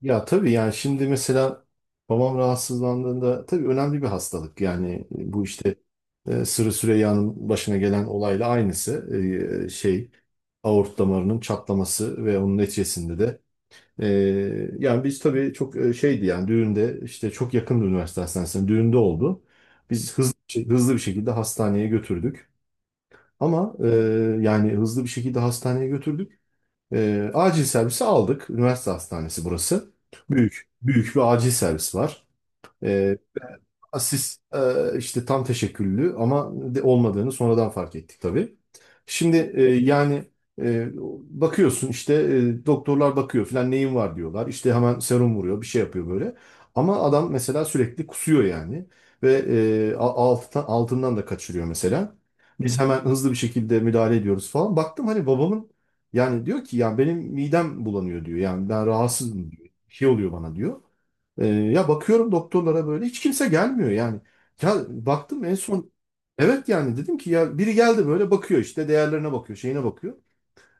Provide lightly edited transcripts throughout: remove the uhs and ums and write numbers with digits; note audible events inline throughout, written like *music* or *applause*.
Ya tabii yani şimdi mesela babam rahatsızlandığında tabii önemli bir hastalık. Yani bu işte Sırrı Süreyya'nın başına gelen olayla aynısı. Şey aort damarının çatlaması ve onun neticesinde de e, yani biz tabii çok şeydi yani düğünde işte çok yakındı üniversite hastanesine, düğünde oldu. Biz hızlı bir şekilde hastaneye götürdük. Ama yani hızlı bir şekilde hastaneye götürdük. Acil servisi aldık. Üniversite hastanesi burası. Büyük, büyük bir acil servis var. Ee, işte tam teşekküllü ama de olmadığını sonradan fark ettik tabii. Şimdi e, bakıyorsun işte doktorlar bakıyor falan neyin var diyorlar. İşte hemen serum vuruyor, bir şey yapıyor böyle. Ama adam mesela sürekli kusuyor yani, ve altından da kaçırıyor mesela. Biz hemen hızlı bir şekilde müdahale ediyoruz falan. Baktım hani babamın, yani diyor ki, yani benim midem bulanıyor diyor. Yani ben rahatsızım diyor. Bir şey oluyor bana diyor. Ya bakıyorum doktorlara, böyle hiç kimse gelmiyor yani. Ya baktım en son, evet, yani dedim ki, ya biri geldi böyle, bakıyor işte, değerlerine bakıyor, şeyine bakıyor.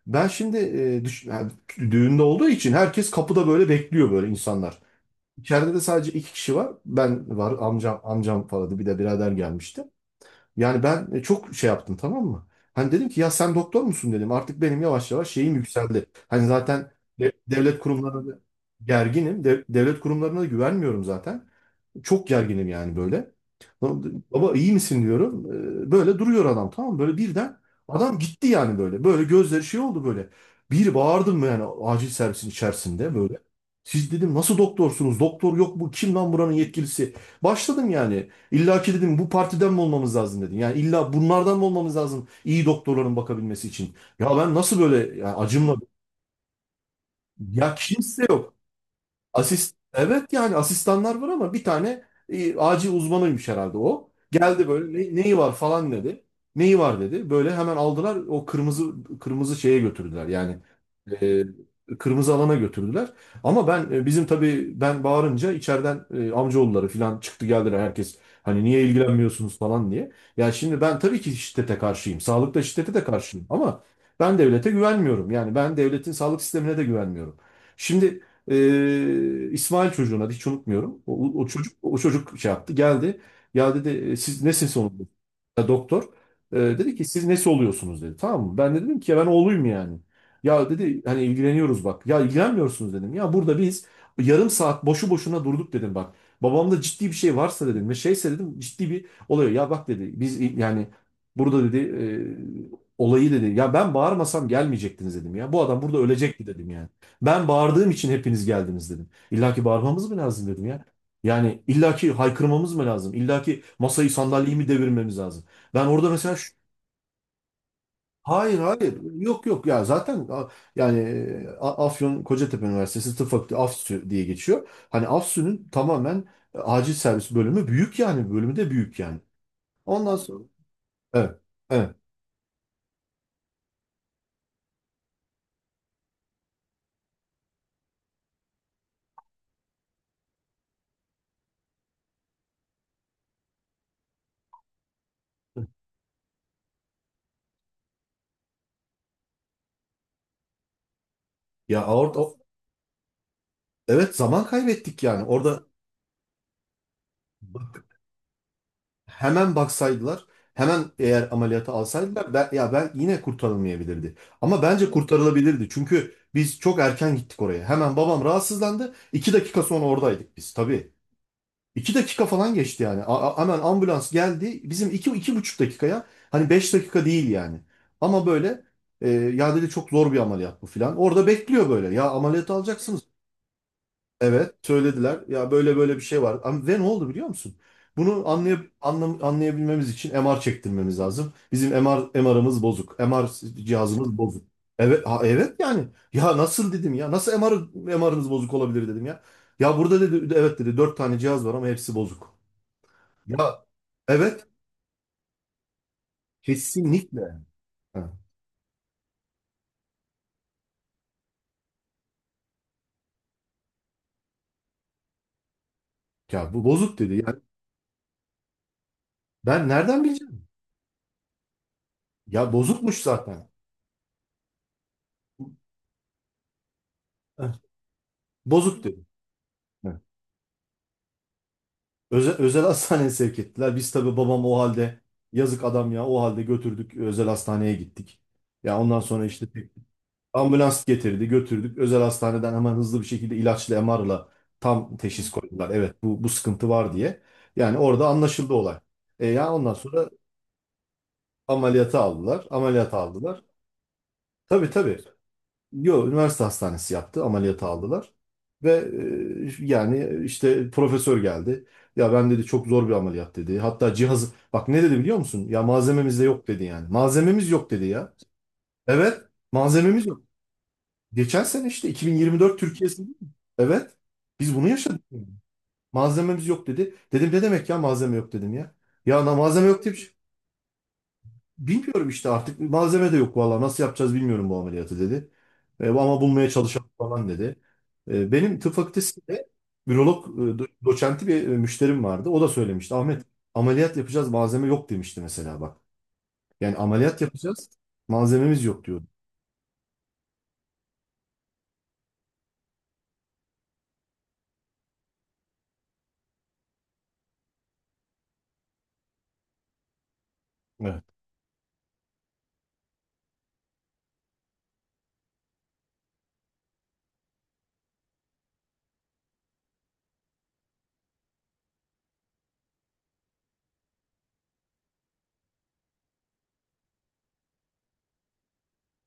Ben şimdi yani düğünde olduğu için herkes kapıda böyle bekliyor, böyle insanlar. İçeride de sadece 2 kişi var. Ben var, amcam falan, bir de birader gelmişti. Yani ben çok şey yaptım, tamam mı? Hani dedim ki, ya sen doktor musun dedim. Artık benim yavaş yavaş şeyim yükseldi. Hani zaten devlet kurumlarına da gerginim. Devlet kurumlarına da güvenmiyorum zaten. Çok gerginim yani böyle. Baba iyi misin diyorum. Böyle duruyor adam, tamam mı? Böyle birden adam gitti yani böyle. Böyle gözleri şey oldu böyle. Bir bağırdım yani acil servisin içerisinde böyle. Siz dedim nasıl doktorsunuz? Doktor yok, bu kim lan buranın yetkilisi? Başladım yani. İlla ki dedim bu partiden mi olmamız lazım dedim. Yani illa bunlardan mı olmamız lazım, iyi doktorların bakabilmesi için? Ya ben nasıl böyle, ya acımla, ya kimse yok. Evet, yani asistanlar var ama bir tane acil uzmanıymış herhalde o. Geldi böyle, Neyi var?" falan dedi. Neyi var dedi. Böyle hemen aldılar, o kırmızı şeye götürdüler yani, e, kırmızı alana götürdüler. Ama ben bizim tabii ben bağırınca içeriden amcaoğulları falan çıktı, geldiler herkes. Hani niye ilgilenmiyorsunuz falan diye. Ya şimdi ben tabii ki şiddete karşıyım. Sağlıkta şiddete de karşıyım, ama ben devlete güvenmiyorum. Yani ben devletin sağlık sistemine de güvenmiyorum. Şimdi İsmail, çocuğun adı, hiç unutmuyorum. O çocuk şey yaptı, geldi. Ya dedi, Siz nesin sonunda?" Ya doktor. Dedi ki, siz nesi oluyorsunuz dedi. Tamam mı? Ben de dedim ki, ya ben oğluyum yani. Ya dedi hani ilgileniyoruz bak. Ya ilgilenmiyorsunuz dedim. Ya burada biz yarım saat boşu boşuna durduk dedim bak. Babamda ciddi bir şey varsa dedim, ve şeyse dedim, ciddi bir oluyor. Ya bak dedi biz yani, burada dedi olayı dedi. Ya ben bağırmasam gelmeyecektiniz dedim ya. Bu adam burada ölecekti dedim yani. Ben bağırdığım için hepiniz geldiniz dedim. İlla ki bağırmamız mı lazım dedim ya. Yani illa ki haykırmamız mı lazım? İlla ki masayı sandalyeyi mi devirmemiz lazım? Ben orada mesela hayır hayır, yok yok, ya zaten Afyon Kocatepe Üniversitesi Tıp Fakültesi, AFSÜ diye geçiyor. Hani AFSÜ'nün tamamen acil servis bölümü büyük, yani bölümü de büyük yani. Ondan sonra evet, evet. Ya orada, evet, zaman kaybettik yani orada. Hemen baksaydılar, hemen eğer ameliyata alsaydılar, ben yine kurtarılmayabilirdi. Ama bence kurtarılabilirdi. Çünkü biz çok erken gittik oraya. Hemen babam rahatsızlandı. 2 dakika sonra oradaydık biz tabii. 2 dakika falan geçti yani. Hemen ambulans geldi. Bizim iki, iki buçuk dakikaya, hani 5 dakika değil yani. Ama böyle, ya dedi çok zor bir ameliyat bu filan. Orada bekliyor böyle. Ya ameliyat alacaksın. Evet, söylediler. Ya böyle böyle bir şey var. Ama ve ne oldu biliyor musun? Bunu anlayabilmemiz için MR çektirmemiz lazım. Bizim MR'ımız bozuk. MR cihazımız bozuk. Evet, ha, evet yani. Ya nasıl dedim ya? Nasıl MR'ınız bozuk olabilir dedim ya. Ya burada dedi evet dedi, 4 tane cihaz var ama hepsi bozuk. Ya, evet, kesinlikle. Ha, Ya bu bozuk dedi. Yani ben nereden bileceğim? Ya bozukmuş zaten. Heh, Bozuk dedi. Özel hastaneye sevk ettiler. Biz tabii babam o halde, yazık adam, ya o halde götürdük, özel hastaneye gittik. Ya ondan sonra işte ambulans getirdi, götürdük. Özel hastaneden hemen hızlı bir şekilde ilaçla, MR'la tam teşhis koydular. Evet bu sıkıntı var diye. Yani orada anlaşıldı olay. Ya ondan sonra ameliyata aldılar. Ameliyata aldılar. Tabii, tabii. Yo, üniversite hastanesi yaptı. Ameliyata aldılar. Ve yani işte profesör geldi. Ya ben dedi çok zor bir ameliyat dedi. Hatta cihazı bak ne dedi biliyor musun? Ya malzememiz de yok dedi yani. Malzememiz yok dedi ya. Evet, malzememiz yok. Geçen sene işte 2024 Türkiye'si değil mi? Evet. Biz bunu yaşadık yani. Malzememiz yok dedi. Dedim ne demek ya malzeme yok dedim ya. Ya na malzeme yok diye bir şey- Bilmiyorum işte artık malzeme de yok, valla nasıl yapacağız bilmiyorum bu ameliyatı dedi. Ama bulmaya çalışalım falan dedi. Benim tıp fakültesinde ürolog doçenti bir müşterim vardı. O da söylemişti, Ahmet, ameliyat yapacağız malzeme yok demişti mesela bak. Yani ameliyat yapacağız malzememiz yok diyordu.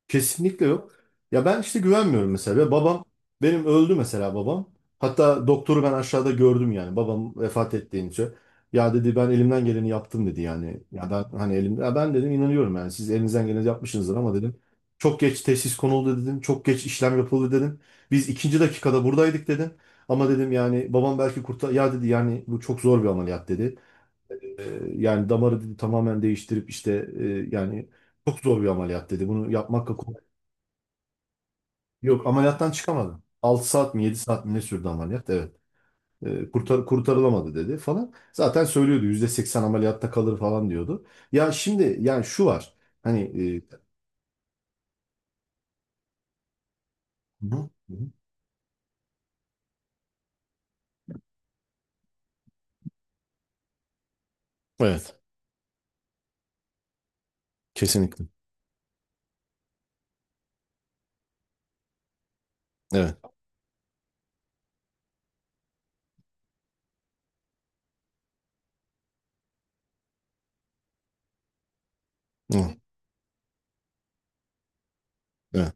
Kesinlikle yok. Ya ben işte güvenmiyorum mesela. Ve babam benim öldü mesela, babam. Hatta doktoru ben aşağıda gördüm yani babam vefat ettiğince. Ya dedi ben elimden geleni yaptım dedi yani. Ya ben hani elim, ya ben dedim inanıyorum yani siz elinizden geleni yapmışsınızdır ama dedim, çok geç teşhis konuldu dedim. Çok geç işlem yapıldı dedim. Biz ikinci dakikada buradaydık dedim. Ama dedim yani babam belki kurtar, ya dedi yani bu çok zor bir ameliyat dedi. Yani damarı dedi tamamen değiştirip işte, yani çok zor bir ameliyat dedi. Bunu yapmakla. Yok, ameliyattan çıkamadı. 6 saat mi, 7 saat mi ne sürdü ameliyat? Evet. Kurtarılamadı dedi falan. Zaten söylüyordu %80 ameliyatta kalır falan diyordu. Ya şimdi yani şu var. Hani e, bu. Evet. Kesinlikle. Evet. Hı, evet.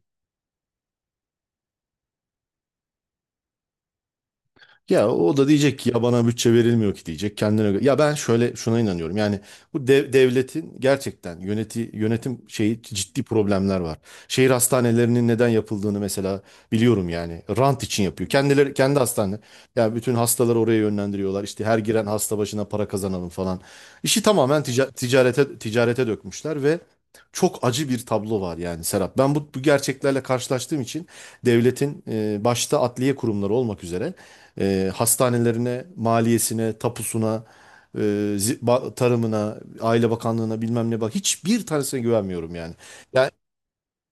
Ya o da diyecek ki, ya bana bütçe verilmiyor ki diyecek kendine göre. Ya ben şöyle şuna inanıyorum. Yani bu devletin gerçekten yönetim şeyi ciddi problemler var. Şehir hastanelerinin neden yapıldığını mesela biliyorum yani. Rant için yapıyor. Kendileri kendi hastane. Ya bütün hastaları oraya yönlendiriyorlar. İşte her giren hasta başına para kazanalım falan. İşi tamamen ticarete dökmüşler ve çok acı bir tablo var yani, Serap. Ben bu gerçeklerle karşılaştığım için devletin başta adliye kurumları olmak üzere, hastanelerine, maliyesine, tapusuna, e, tarımına, Aile Bakanlığına, bilmem ne, bak, hiçbir tanesine güvenmiyorum yani. Ya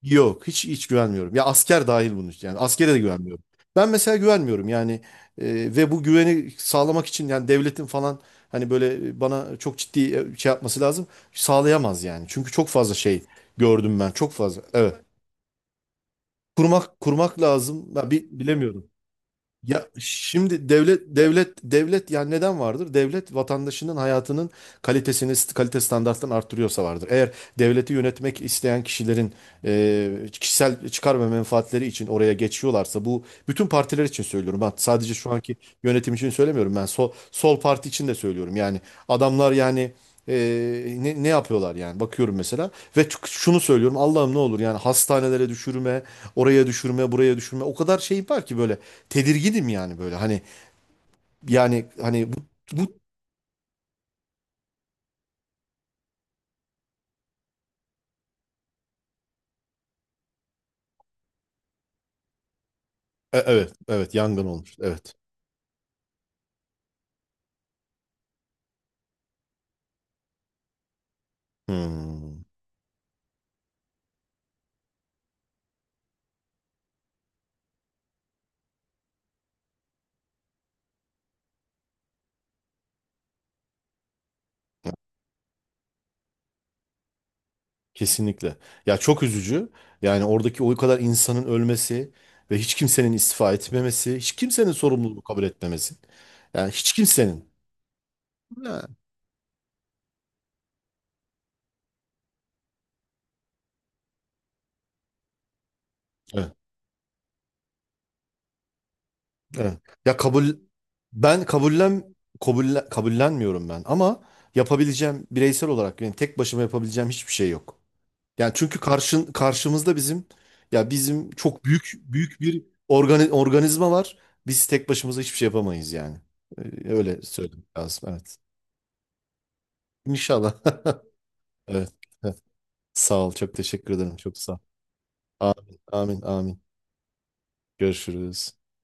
yok, hiç güvenmiyorum. Ya asker dahil bunun için yani askere de güvenmiyorum. Ben mesela güvenmiyorum yani, ve bu güveni sağlamak için yani devletin falan, hani böyle bana çok ciddi şey yapması lazım. Sağlayamaz yani. Çünkü çok fazla şey gördüm ben. Çok fazla. Evet. Kurmak, kurmak lazım. Ben bilemiyorum. Ya şimdi devlet, devlet, devlet, yani neden vardır? Devlet vatandaşının hayatının kalite standartlarını arttırıyorsa vardır. Eğer devleti yönetmek isteyen kişilerin kişisel çıkar ve menfaatleri için oraya geçiyorlarsa, bu bütün partiler için söylüyorum. Ben sadece şu anki yönetim için söylemiyorum ben. Sol parti için de söylüyorum. Yani adamlar yani, ne yapıyorlar yani, bakıyorum mesela, ve şunu söylüyorum, Allah'ım ne olur, yani hastanelere düşürme, oraya düşürme, buraya düşürme, o kadar şey var ki böyle, tedirginim yani böyle, hani yani hani bu evet, evet, yangın olmuş, evet. Hmm. Kesinlikle, ya çok üzücü yani, oradaki o kadar insanın ölmesi, ve hiç kimsenin istifa etmemesi, hiç kimsenin sorumluluğu kabul etmemesi, yani hiç kimsenin. Ha, evet. Evet. Ya kabul ben kabullen Kabullenmiyorum ben, ama yapabileceğim bireysel olarak, yani tek başıma yapabileceğim hiçbir şey yok. Yani çünkü karşımızda bizim, ya bizim çok büyük büyük bir organizma var. Biz tek başımıza hiçbir şey yapamayız yani. Ee, Öyle söylemek lazım. Evet. İnşallah. *laughs* Evet. Evet. Sağ ol. Çok teşekkür ederim. Çok sağ ol. Amin. Amin. Amin. Görüşürüz.